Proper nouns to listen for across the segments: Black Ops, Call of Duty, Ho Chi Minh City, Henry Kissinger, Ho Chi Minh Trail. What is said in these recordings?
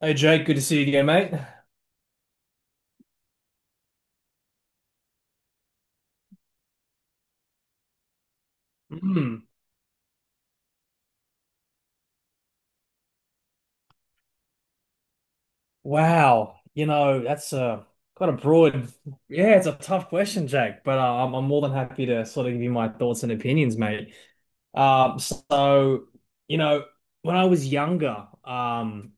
Hey Jake, good to see you again, mate. Hmm. Wow, that's quite a broad. Yeah, it's a tough question, Jake, but I'm more than happy to sort of give you my thoughts and opinions, mate. So you know, when I was younger,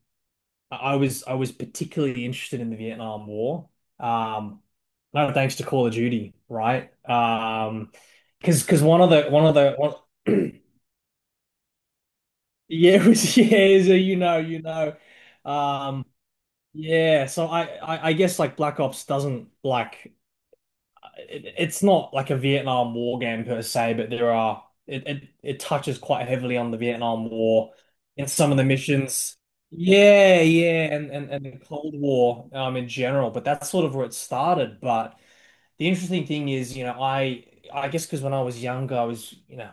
I was particularly interested in the Vietnam War. Um, no thanks to Call of Duty, right? Because one of the one, yeah, it was yeah, so. Um. Yeah, so I guess like Black Ops doesn't like it, it's not like a Vietnam War game per se, but there are it, it it touches quite heavily on the Vietnam War in some of the missions. Yeah, yeah, and the Cold War in general, but that's sort of where it started. But the interesting thing is, I guess because when I was younger, I was you know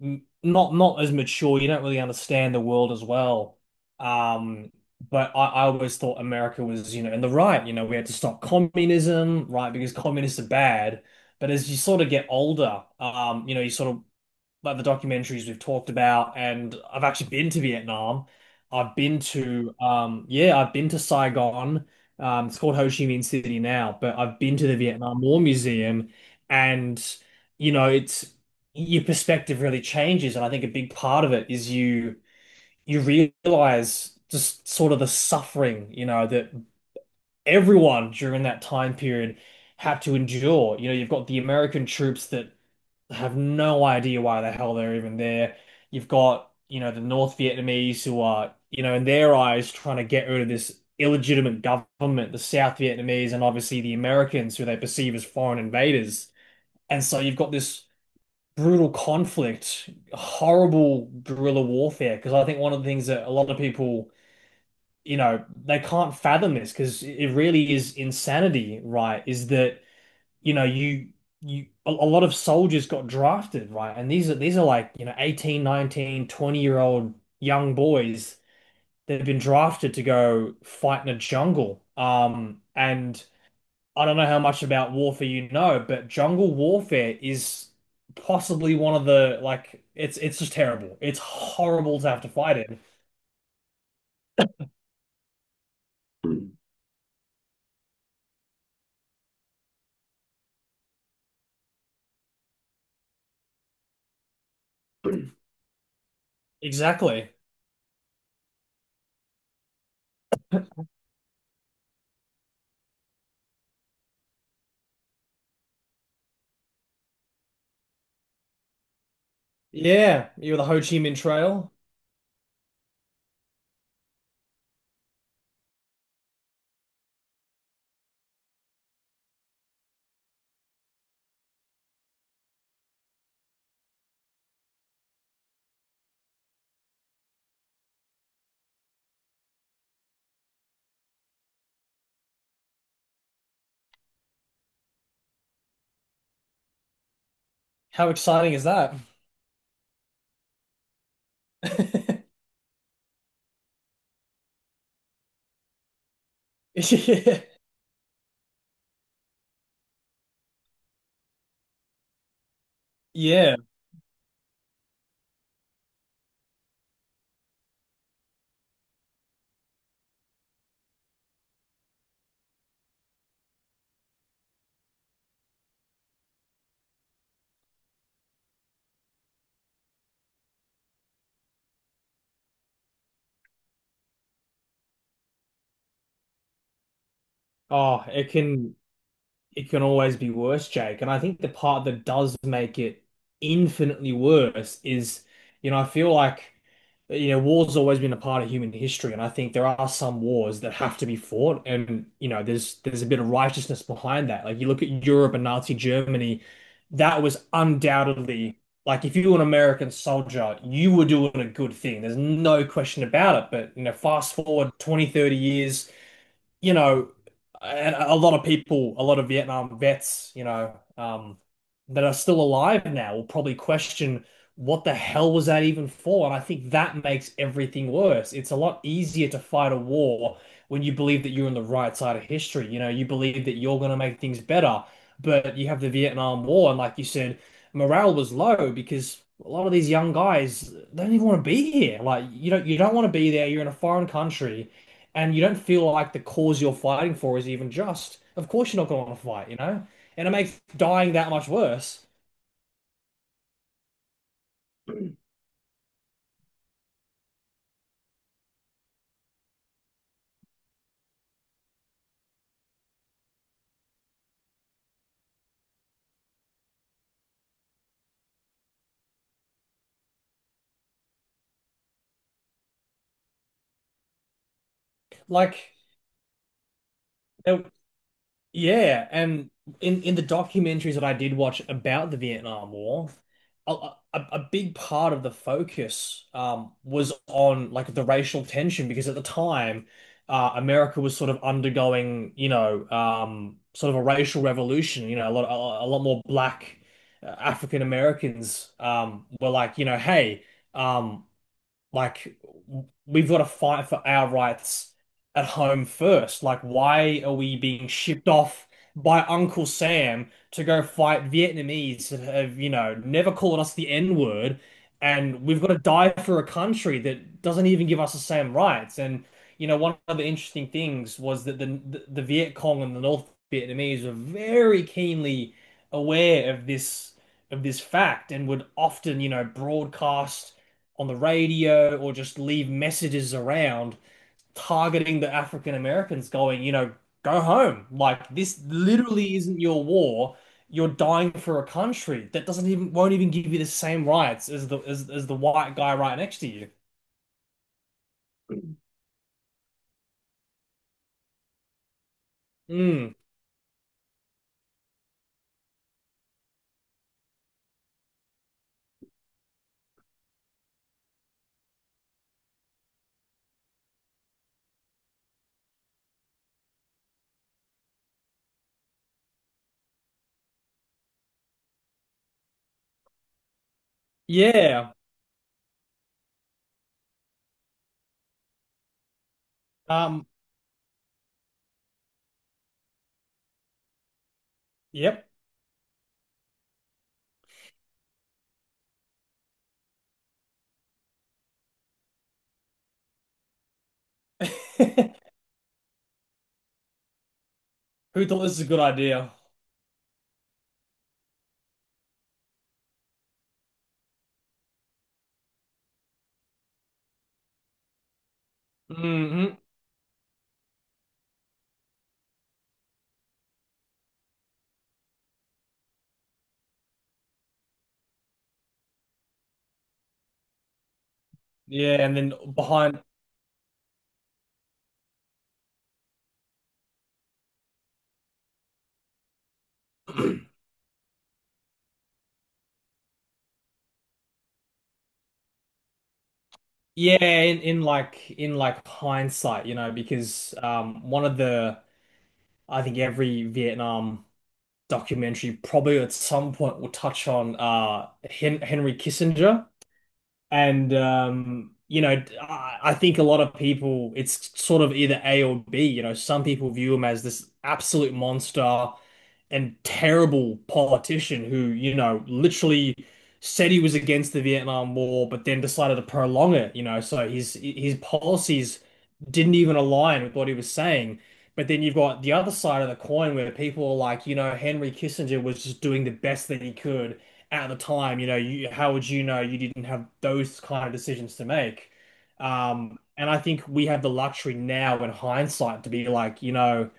n- not not as mature. You don't really understand the world as well. Um, but I always thought America was, in the right. We had to stop communism, right? Because communists are bad. But as you sort of get older, you sort of like the documentaries we've talked about, and I've actually been to Vietnam. I've been to Saigon. It's called Ho Chi Minh City now, but I've been to the Vietnam War Museum, and you know, it's your perspective really changes, and I think a big part of it is you realize just sort of the suffering, that everyone during that time period had to endure. You've got the American troops that have no idea why the hell they're even there. You've got, the North Vietnamese who are, in their eyes trying to get rid of this illegitimate government, the South Vietnamese, and obviously the Americans who they perceive as foreign invaders. And so you've got this brutal conflict, horrible guerrilla warfare. Because I think one of the things that a lot of people, they can't fathom this because it really is insanity, right? Is that you know, you a lot of soldiers got drafted, right? And these are like, 18, 19, 20-year old young boys that have been drafted to go fight in a jungle. And I don't know how much about warfare you know, but jungle warfare is possibly one of the like it's just terrible. It's horrible to have to fight in. Exactly. Yeah, you're the Ho Chi Minh Trail. How exciting is that? Yeah. Oh, it can always be worse, Jake. And I think the part that does make it infinitely worse is, I feel like, war's always been a part of human history, and I think there are some wars that have to be fought, and there's a bit of righteousness behind that. Like you look at Europe and Nazi Germany, that was undoubtedly like if you were an American soldier, you were doing a good thing. There's no question about it. But fast forward 20, 30 years you know, and a lot of people, a lot of Vietnam vets, that are still alive now will probably question what the hell was that even for? And I think that makes everything worse. It's a lot easier to fight a war when you believe that you're on the right side of history. You believe that you're going to make things better, but you have the Vietnam War, and like you said, morale was low because a lot of these young guys, they don't even want to be here. Like you don't want to be there. You're in a foreign country and you don't feel like the cause you're fighting for is even just, of course you're not going to want to fight, you know? And it makes dying that much worse. Like, there, Yeah, and in the documentaries that I did watch about the Vietnam War, a big part of the focus, was on like the racial tension because at the time, America was sort of undergoing, sort of a racial revolution. A lot more black African Americans, were like, hey. Um, like we've got to fight for our rights at home first. Like why are we being shipped off by Uncle Sam to go fight Vietnamese that have, never called us the N-word and we've got to die for a country that doesn't even give us the same rights. And one of the interesting things was that the Viet Cong and the North Vietnamese were very keenly aware of this fact and would often, broadcast on the radio or just leave messages around targeting the African Americans, going, go home. Like this literally isn't your war. You're dying for a country that doesn't even won't even give you the same rights as the white guy right next to you. Mm, yeah. Um, yep. Who thought this is a good idea? Hmm. Yeah, and then behind yeah, in like hindsight, because one of the I think every Vietnam documentary probably at some point will touch on Henry Kissinger. And I think a lot of people, it's sort of either A or B. Some people view him as this absolute monster and terrible politician who, literally said he was against the Vietnam War, but then decided to prolong it. So his policies didn't even align with what he was saying. But then you've got the other side of the coin where people are like, Henry Kissinger was just doing the best that he could at the time, how would you know you didn't have those kind of decisions to make? And I think we have the luxury now in hindsight to be like,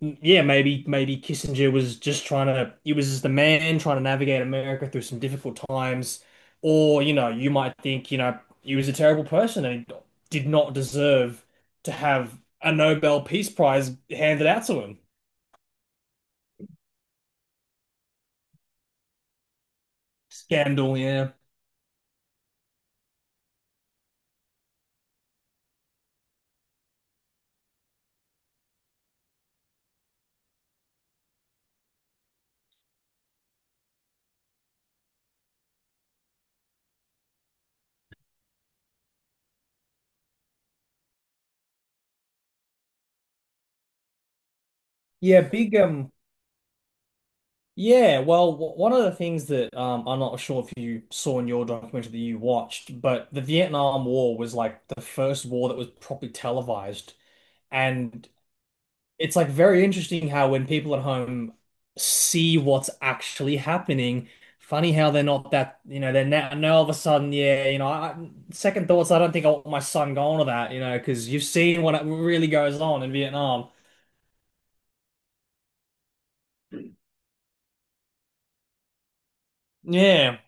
yeah, maybe Kissinger was just he was just the man trying to navigate America through some difficult times, or you might think, he was a terrible person and he did not deserve to have a Nobel Peace Prize handed out to him. Scandal, yeah. Yeah, big yeah, well, one of the things that I'm not sure if you saw in your documentary that you watched, but the Vietnam War was like the first war that was properly televised. And it's like very interesting how when people at home see what's actually happening, funny how they're not that, they're now all of a sudden, yeah, second thoughts, I don't think I want my son going to that, because you've seen what really goes on in Vietnam. Yeah.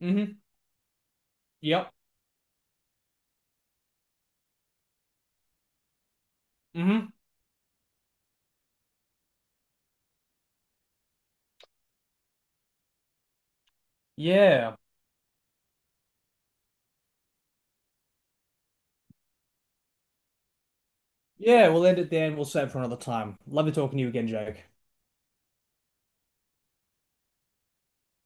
Hmm. Yep. Hmm. Yeah. Yeah, we'll end it there and we'll save for another time. Lovely talking to you again, Jake.